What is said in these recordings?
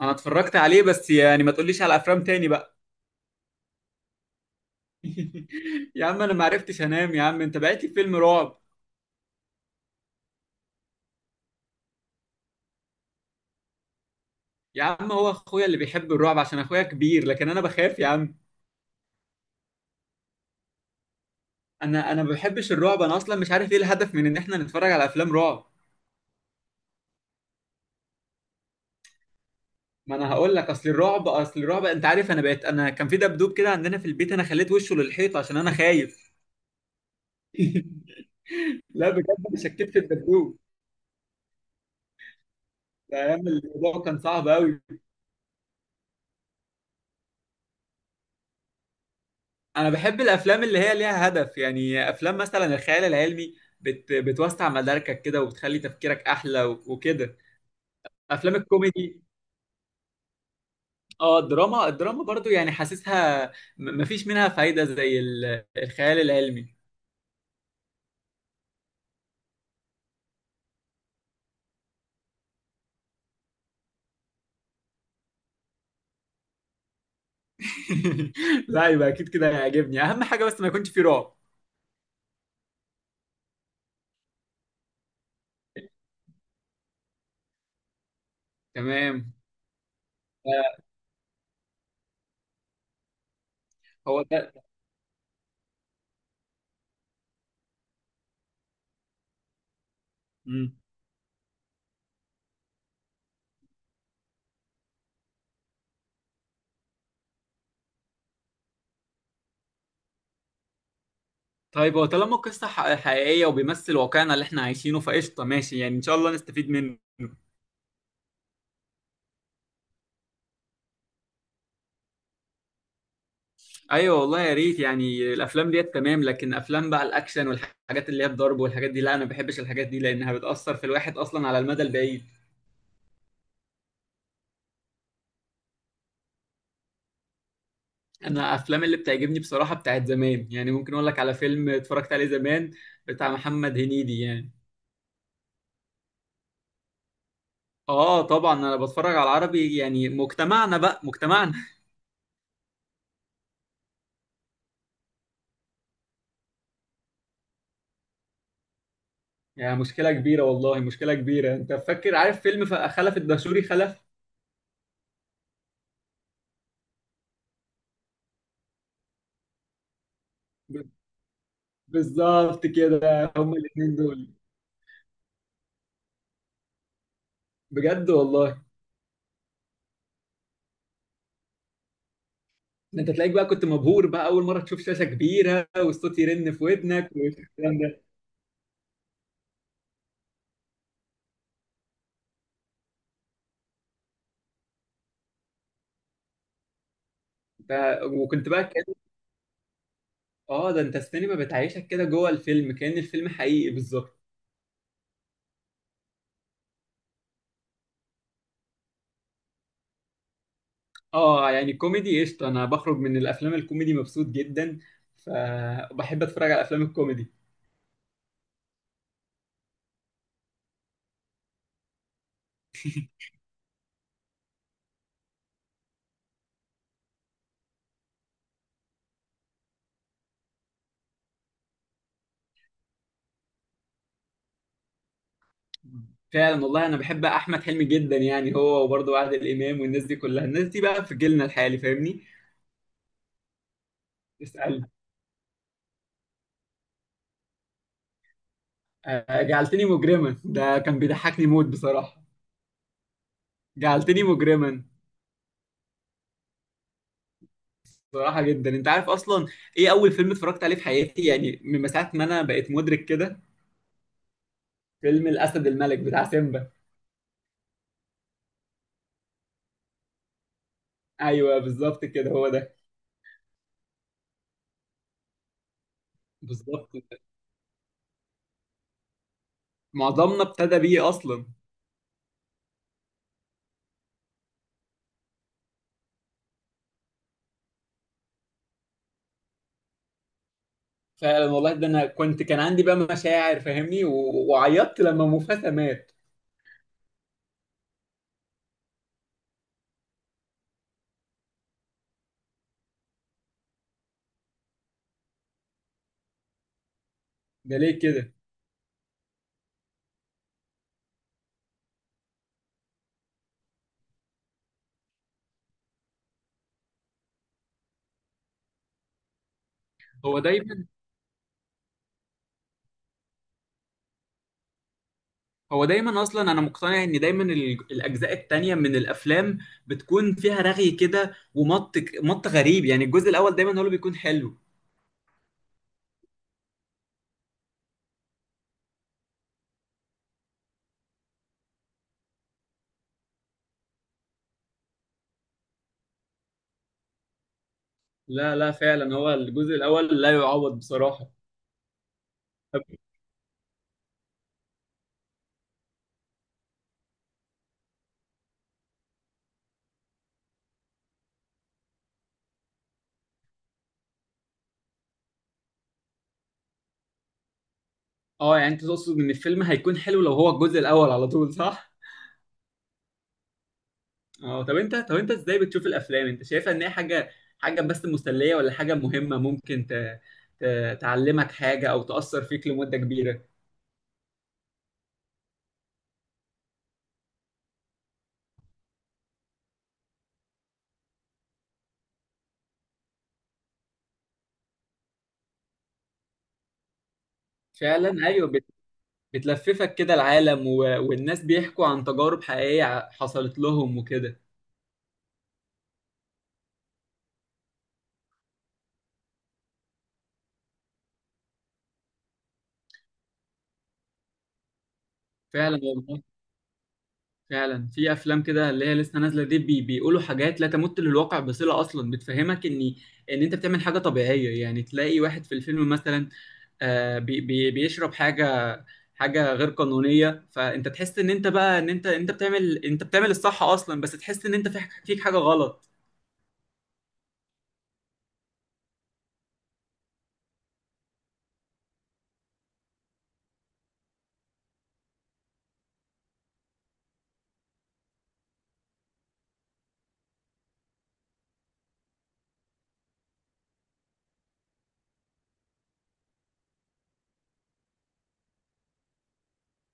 انا اتفرجت عليه، بس يعني ما تقوليش على افلام تاني بقى. يا عم انا ما عرفتش انام، يا عم انت بعت لي فيلم رعب. يا عم هو اخويا اللي بيحب الرعب عشان اخويا كبير، لكن انا بخاف يا عم. انا ما بحبش الرعب، انا اصلا مش عارف ايه الهدف من ان احنا نتفرج على افلام رعب. ما انا هقول لك، اصل الرعب انت عارف، انا بقيت، انا كان في دبدوب كده عندنا في البيت، انا خليت وشه للحيط عشان انا خايف. لا بجد، انا شكيت في الدبدوب. ده، ايام الموضوع كان صعب قوي. انا بحب الافلام اللي هي ليها هدف، يعني افلام مثلا الخيال العلمي، بتوسع مداركك كده وبتخلي تفكيرك احلى و... وكده. افلام الكوميدي. اه، الدراما برضو يعني حاسسها م... مفيش منها فايدة زي ال... الخيال العلمي. لا، يبقى اكيد كده هيعجبني، اهم حاجة بس ما يكونش فيه رعب. تمام. آه، هو ده. مم. طيب، هو طالما القصة حقيقية وبيمثل واقعنا اللي احنا عايشينه، فقشطة ماشي، يعني ان شاء الله نستفيد منه. ايوه والله يا ريت، يعني الافلام ديت تمام، لكن افلام بقى الاكشن والحاجات اللي هي الضرب والحاجات دي لا، انا ما بحبش الحاجات دي لانها بتاثر في الواحد اصلا على المدى البعيد. انا افلام اللي بتعجبني بصراحه بتاعت زمان، يعني ممكن اقول لك على فيلم اتفرجت عليه زمان، بتاع محمد هنيدي يعني. اه طبعا، انا بتفرج على العربي، يعني مجتمعنا بقى مجتمعنا. يعني مشكله كبيره والله، مشكله كبيره. انت فاكر، عارف فيلم خلف الدشوري ب- بالظبط كده، هما الاثنين دول. بجد والله، ده انت تلاقيك بقى كنت مبهور بقى، اول مره تشوف شاشه كبيره والصوت يرن في ودنك والكلام ده. ف... وكنت بقى كان، اه ده انت السينما بتعيشك كده جوه الفيلم، كان الفيلم حقيقي بالظبط. اه يعني كوميدي قشطه، انا بخرج من الافلام الكوميدي مبسوط جدا، فبحب اتفرج على افلام الكوميدي. فعلا والله، انا بحب احمد حلمي جدا، يعني هو وبرضه عادل امام والناس دي كلها، الناس دي بقى في جيلنا الحالي فاهمني. اسال. آه، جعلتني مجرما ده كان بيضحكني موت بصراحه. جعلتني مجرما. صراحة جدا، انت عارف اصلا ايه اول فيلم اتفرجت عليه في حياتي، يعني من ساعة ما انا بقيت مدرك كده؟ فيلم الاسد الملك بتاع سيمبا. ايوه بالظبط كده، هو ده. بالظبط، معظمنا ابتدى بيه اصلا. فعلا والله، ده انا كنت كان عندي بقى مشاعر فاهمني، و- وعيطت لما مufasa مات. ده ليه كده؟ هو دايما هو دايما اصلا، انا مقتنع ان دايما ال- الاجزاء التانية من الافلام بتكون فيها رغي كده ومط، مط غريب، يعني الجزء الاول دايما هو اللي بيكون حلو. لا لا، فعلا هو الجزء الاول لا يعوض بصراحه. طب، اه يعني انت تقصد ان الفيلم هيكون حلو لو هو الجزء الاول على طول، صح؟ اه طب انت ازاي بتشوف الافلام؟ انت شايفها ان هي حاجه، حاجه بس مسليه، ولا حاجه مهمه ممكن ت... ت... تعلمك حاجه او تاثر فيك لمده كبيره؟ فعلا ايوه، بت... بتلففك كده العالم و... والناس بيحكوا عن تجارب حقيقيه حصلت لهم وكده. فعلا والله، فعلا في افلام كده اللي هي لسه نازله دي بيقولوا حاجات لا تمت للواقع بصله اصلا، بتفهمك ان انت بتعمل حاجه طبيعيه، يعني تلاقي واحد في الفيلم مثلا آه، بي بي بيشرب حاجه، حاجه غير قانونيه، فانت تحس ان انت بقى، ان انت بتعمل انت بتعمل الصح اصلا، بس تحس ان انت في، فيك حاجه غلط.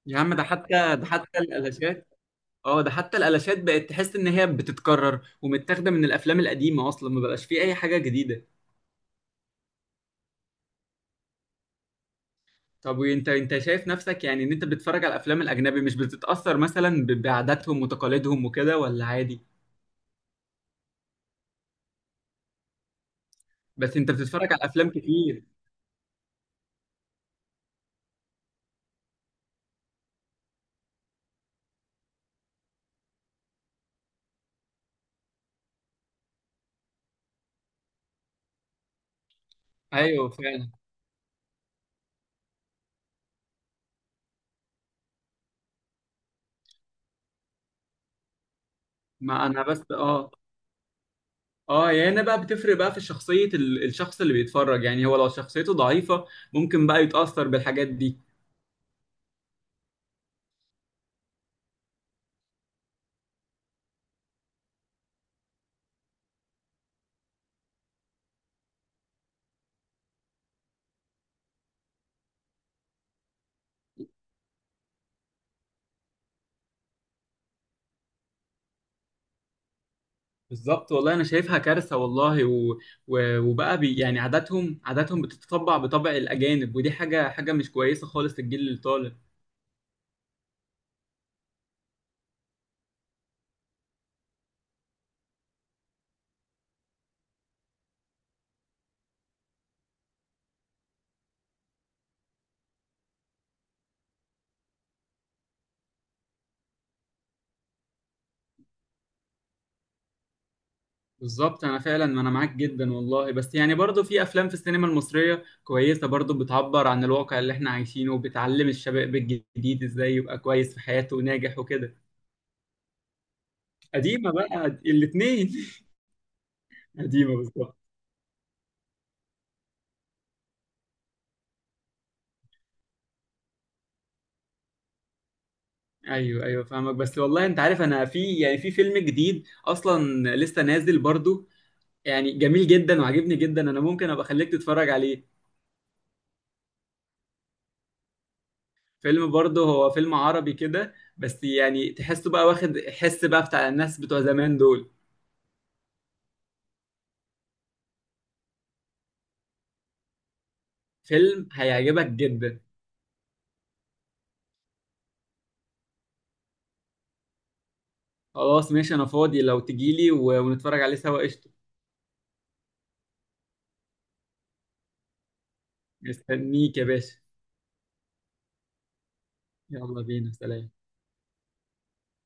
يا عم ده حتى الالاشات، اه ده حتى الالاشات بقت تحس ان هي بتتكرر ومتاخده من الافلام القديمه اصلا، ما بقاش فيه اي حاجه جديده. طب وانت، انت شايف نفسك يعني ان انت بتتفرج على الافلام الاجنبي مش بتتاثر مثلا ب- بعاداتهم وتقاليدهم وكده، ولا عادي؟ بس انت بتتفرج على افلام كتير. ايوه فعلا. ما انا بس، اه يعني انا بقى بتفرق بقى في شخصيه ال- الشخص اللي بيتفرج، يعني هو لو شخصيته ضعيفه ممكن بقى يتاثر بالحاجات دي. بالظبط والله، انا شايفها كارثه والله، وبقى يعني عاداتهم، عاداتهم بتتطبع بطبع الاجانب، ودي حاجه، حاجه مش كويسه خالص للجيل اللي طالع. بالظبط، انا فعلا، ما انا معاك جدا والله، بس يعني برضه في افلام في السينما المصريه كويسه برضه بتعبر عن الواقع اللي احنا عايشينه وبتعلم الشباب الجديد ازاي يبقى كويس في حياته وناجح وكده. قديمه بقى الاثنين. قديمه بالظبط. ايوه ايوه فاهمك، بس والله انت عارف، انا في يعني في فيلم جديد اصلا لسه نازل برضه، يعني جميل جدا وعجبني جدا، انا ممكن ابقى اخليك تتفرج عليه. فيلم برضه هو فيلم عربي كده، بس يعني تحسه بقى واخد حس بقى بتاع الناس بتوع زمان دول. فيلم هيعجبك جدا. خلاص ماشي، انا فاضي لو تجيلي و- ونتفرج عليه سوا قشطة. مستنيك يا باشا. يلا بينا، سلام.